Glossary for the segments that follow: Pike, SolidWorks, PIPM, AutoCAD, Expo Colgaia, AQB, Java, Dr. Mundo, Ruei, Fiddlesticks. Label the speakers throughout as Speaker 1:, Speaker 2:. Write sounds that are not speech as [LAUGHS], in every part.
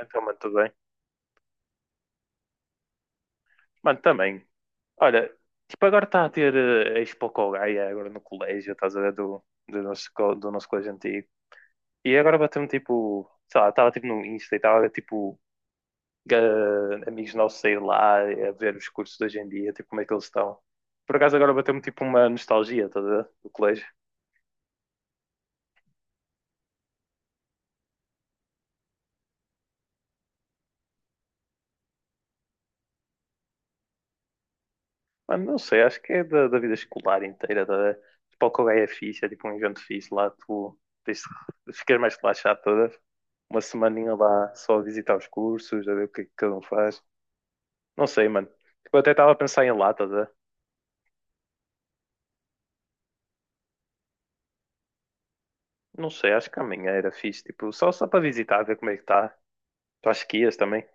Speaker 1: Então, mano, tudo bem. Mano, também. Olha, tipo, agora está a ter a Expo Colgaia agora no colégio, estás a ver, do nosso colégio antigo. E agora bateu-me tipo, sei lá, estava tipo no Insta e estava a ver tipo amigos nossos sair lá, a ver os cursos de hoje em dia, tipo como é que eles estão. Por acaso agora bateu-me tipo uma nostalgia, estás a ver, do colégio. Mano, não sei, acho que é da vida escolar inteira. Da, tipo, o é fixe, é tipo um evento fixe lá, tu tens, de ficar mais relaxado toda uma semaninha lá só a visitar os cursos, a ver o que é que cada um faz. Não sei, mano. Tipo, eu até estava a pensar em lá, toda. Não sei, acho que amanhã era fixe, tipo, só para visitar, ver como é que está. Tu acho que ias também?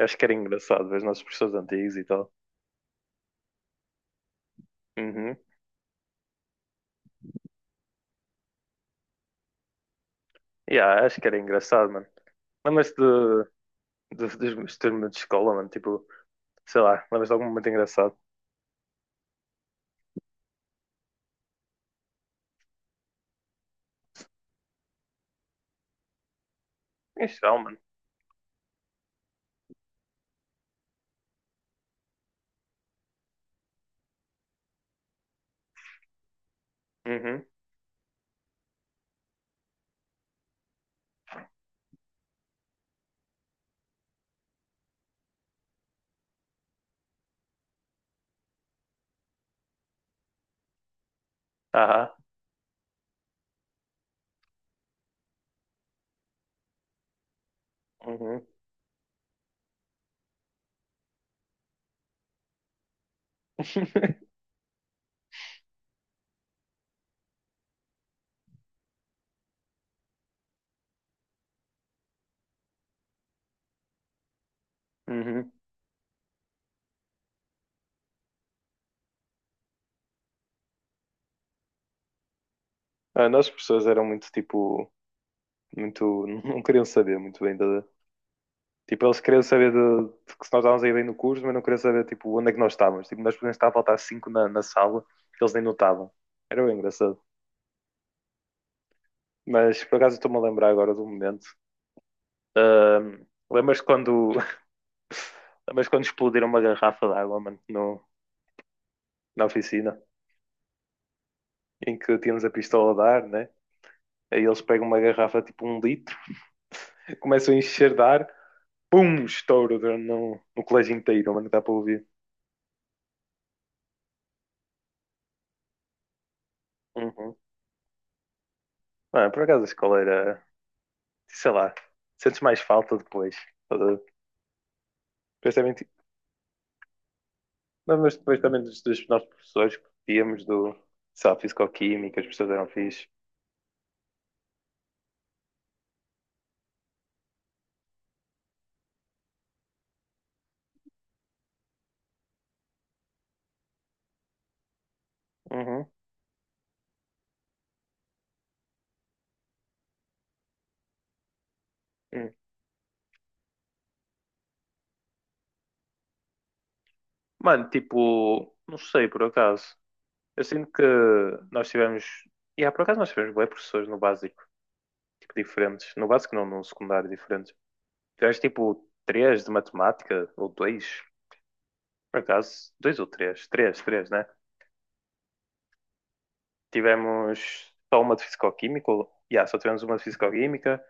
Speaker 1: Eu acho que era engraçado ver os nossos professores antigos e tal. Uhum. Yeah, acho que era engraçado, mano. Lembras-te dos meus turmas de escola, mano? Tipo, sei lá, lembras-te de algum momento engraçado? Isso é, mano. Uhum. Aham. Uhum. [LAUGHS] Uhum. Ah, nós professores eram muito tipo, muito, [LAUGHS] não queriam saber muito bem da, tipo, eles queriam saber de que se nós estávamos aí bem no curso, mas não queriam saber tipo onde é que nós estávamos. Tipo, nós podíamos estar a faltar cinco na sala, que eles nem notavam. Era bem engraçado. Mas por acaso estou-me a lembrar agora do momento. Lembras quando, [LAUGHS] lembras quando explodiram uma garrafa de água, mano, no, na oficina, em que tínhamos a pistola a dar, né? Aí eles pegam uma garrafa tipo um litro começam a enxerdar, pum, estouro no colégio inteiro, mano, dá para ouvir. Uhum. Mano, por acaso a escola era, sei lá, sentes mais falta depois. Estás a ver? Depois também, não, mas depois também dos nossos professores que tínhamos do, sei lá, fisicoquímica, as pessoas eram fixe. Uhum. Hum. Mano, tipo, não sei por acaso. Eu sinto que nós tivemos. E yeah, por acaso nós tivemos bué professores no básico, tipo, diferentes. No básico não, no secundário diferentes. Tivemos tipo três de matemática, ou dois, por acaso, dois ou três? Três, três, né? Tivemos só uma de fisicoquímica, yeah, só tivemos uma de fisicoquímica.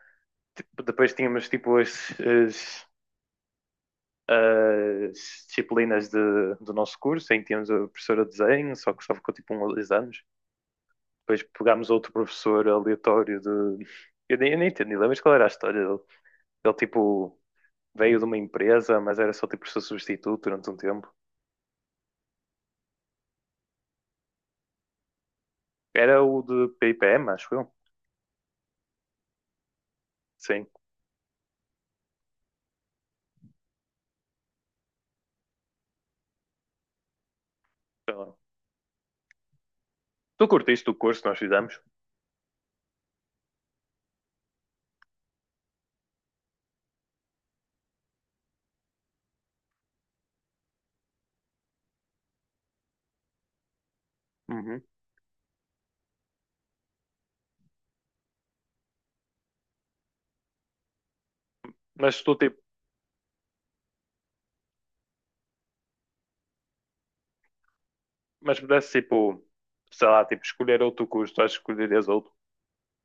Speaker 1: Depois tínhamos tipo as disciplinas do nosso curso, em que tínhamos a professora de desenho, só que só ficou tipo um ou dois anos. Depois pegámos outro professor aleatório de. Eu nem entendi, lembras qual era a história dele? Ele tipo veio de uma empresa, mas era só tipo professor substituto durante um tempo. Era o de PIPM, acho eu. Sim. Então, tu curtiste o curso que nós fizemos? Uhum. Mas se tu tipo, mas pudesse tipo, sei lá, tipo, escolher outro curso, tu acho que escolherias outro.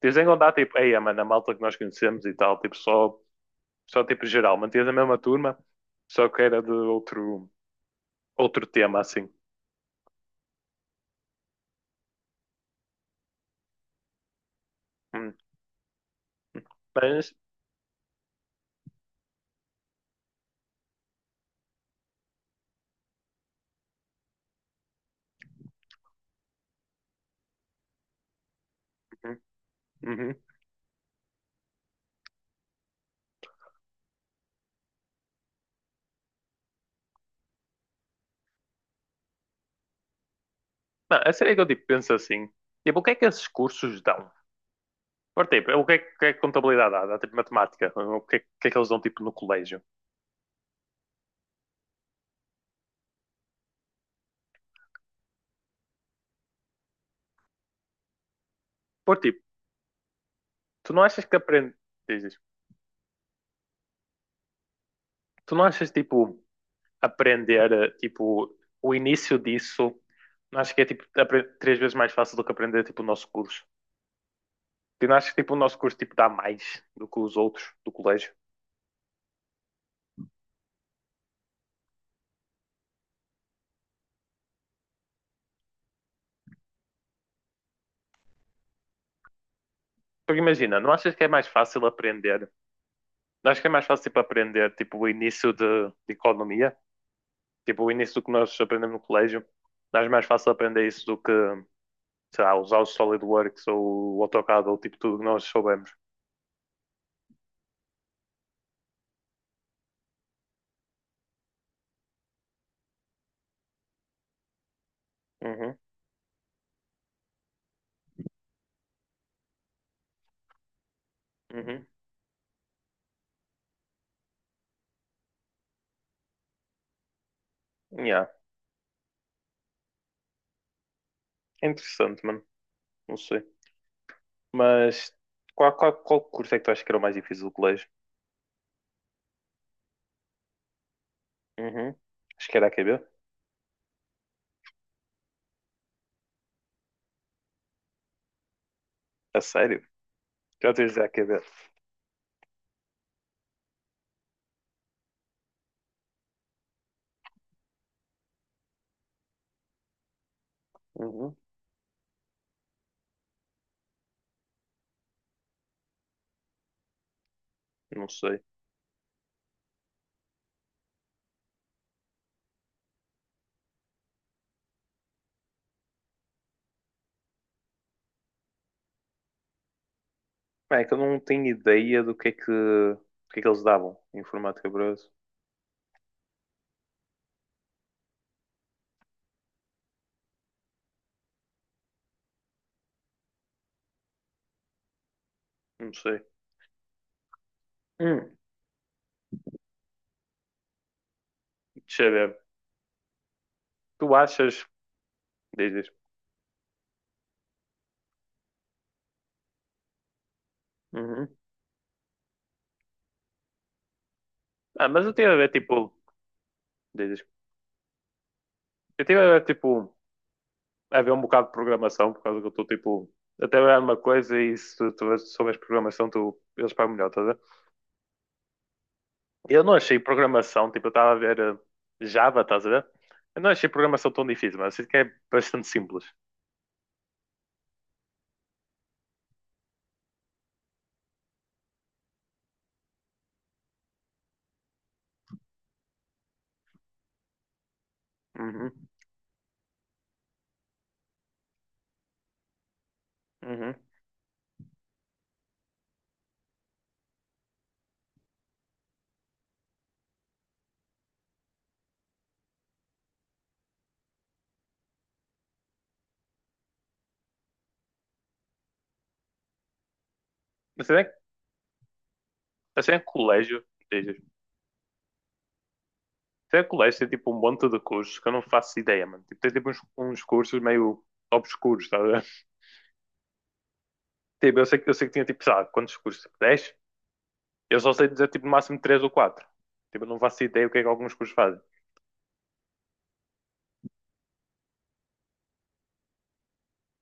Speaker 1: Tens em contar tipo, ei, mano, a malta que nós conhecemos e tal, tipo, só tipo geral, mantias a mesma turma, só que era de outro, outro tema assim. Hum. Mas, uhum. Uhum. Não, a sério é que eu tipo, penso assim, tipo, o que é que esses cursos dão? Por tipo, o que é que contabilidade dá? Dá tipo matemática, o que é que eles dão tipo no colégio? Por tipo, tu não achas que aprendes, tu não achas tipo aprender, tipo, o início disso, acho que é tipo três vezes mais fácil do que aprender tipo o nosso curso. Tu não achas que tipo o nosso curso tipo dá mais do que os outros do colégio? Porque imagina, não achas que é mais fácil aprender? Não achas que é mais fácil tipo aprender tipo o início de economia, tipo o início do que nós aprendemos no colégio? Não achas mais fácil aprender isso do que, sei lá, usar o SolidWorks ou o AutoCAD ou tipo tudo que nós soubemos? Uhum, uhum. Yeah. É interessante, mano. Não sei. Mas qual curso é que tu achas que era o mais difícil do colégio? Uhum. Acho que era a AQB. A sério? Já tens de AQB? Uhum. Não sei. É que eu não tenho ideia do que é que, eles davam em informática para. Não sei. Hum. Deixa eu ver. Tu achas. Diz, diz. Uhum. Ah, mas eu tive a ver tipo. Diz, diz. Eu tive a ver tipo. A ver um bocado de programação, por causa que eu estou tipo. Até a uma coisa e se tu souberes programação, tu, eles pagam melhor, tá. Eu não achei programação, tipo, eu estava a ver Java, estás a ver? Eu não achei programação tão difícil, mas eu sinto que é bastante simples. Uhum, uhum. Mas se é, mas se é colégio, dizes, se é colégio, tem tipo um monte de cursos que eu não faço ideia, mano. Tipo, tem tipo uns cursos meio obscuros, estás a ver? Tipo, eu sei que tinha tipo, sabe, quantos cursos? Tipo, 10? Eu só sei dizer tipo no máximo 3 ou 4. Tipo, eu não faço ideia o que é que alguns cursos fazem.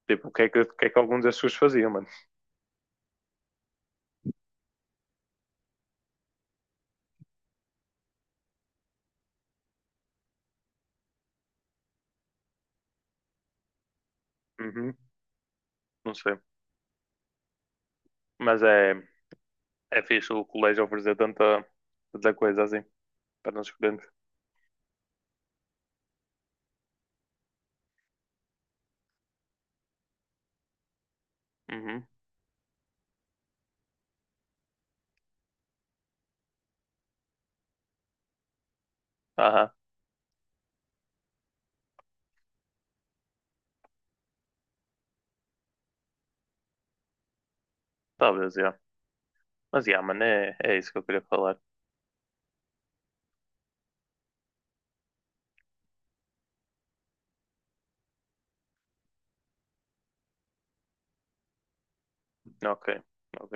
Speaker 1: Tipo, o que é que alguns desses cursos faziam, mano. Uhum, não sei. Mas é. É fixe o colégio oferecer tanta, tanta coisa assim para nós escolhermos. Uhum. Aham, talvez, já. Mas, já, mano, é isso que eu queria falar. Ok, ok.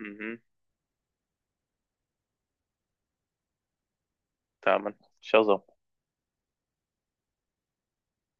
Speaker 1: Uhum. Tá, mano. Tchauzão.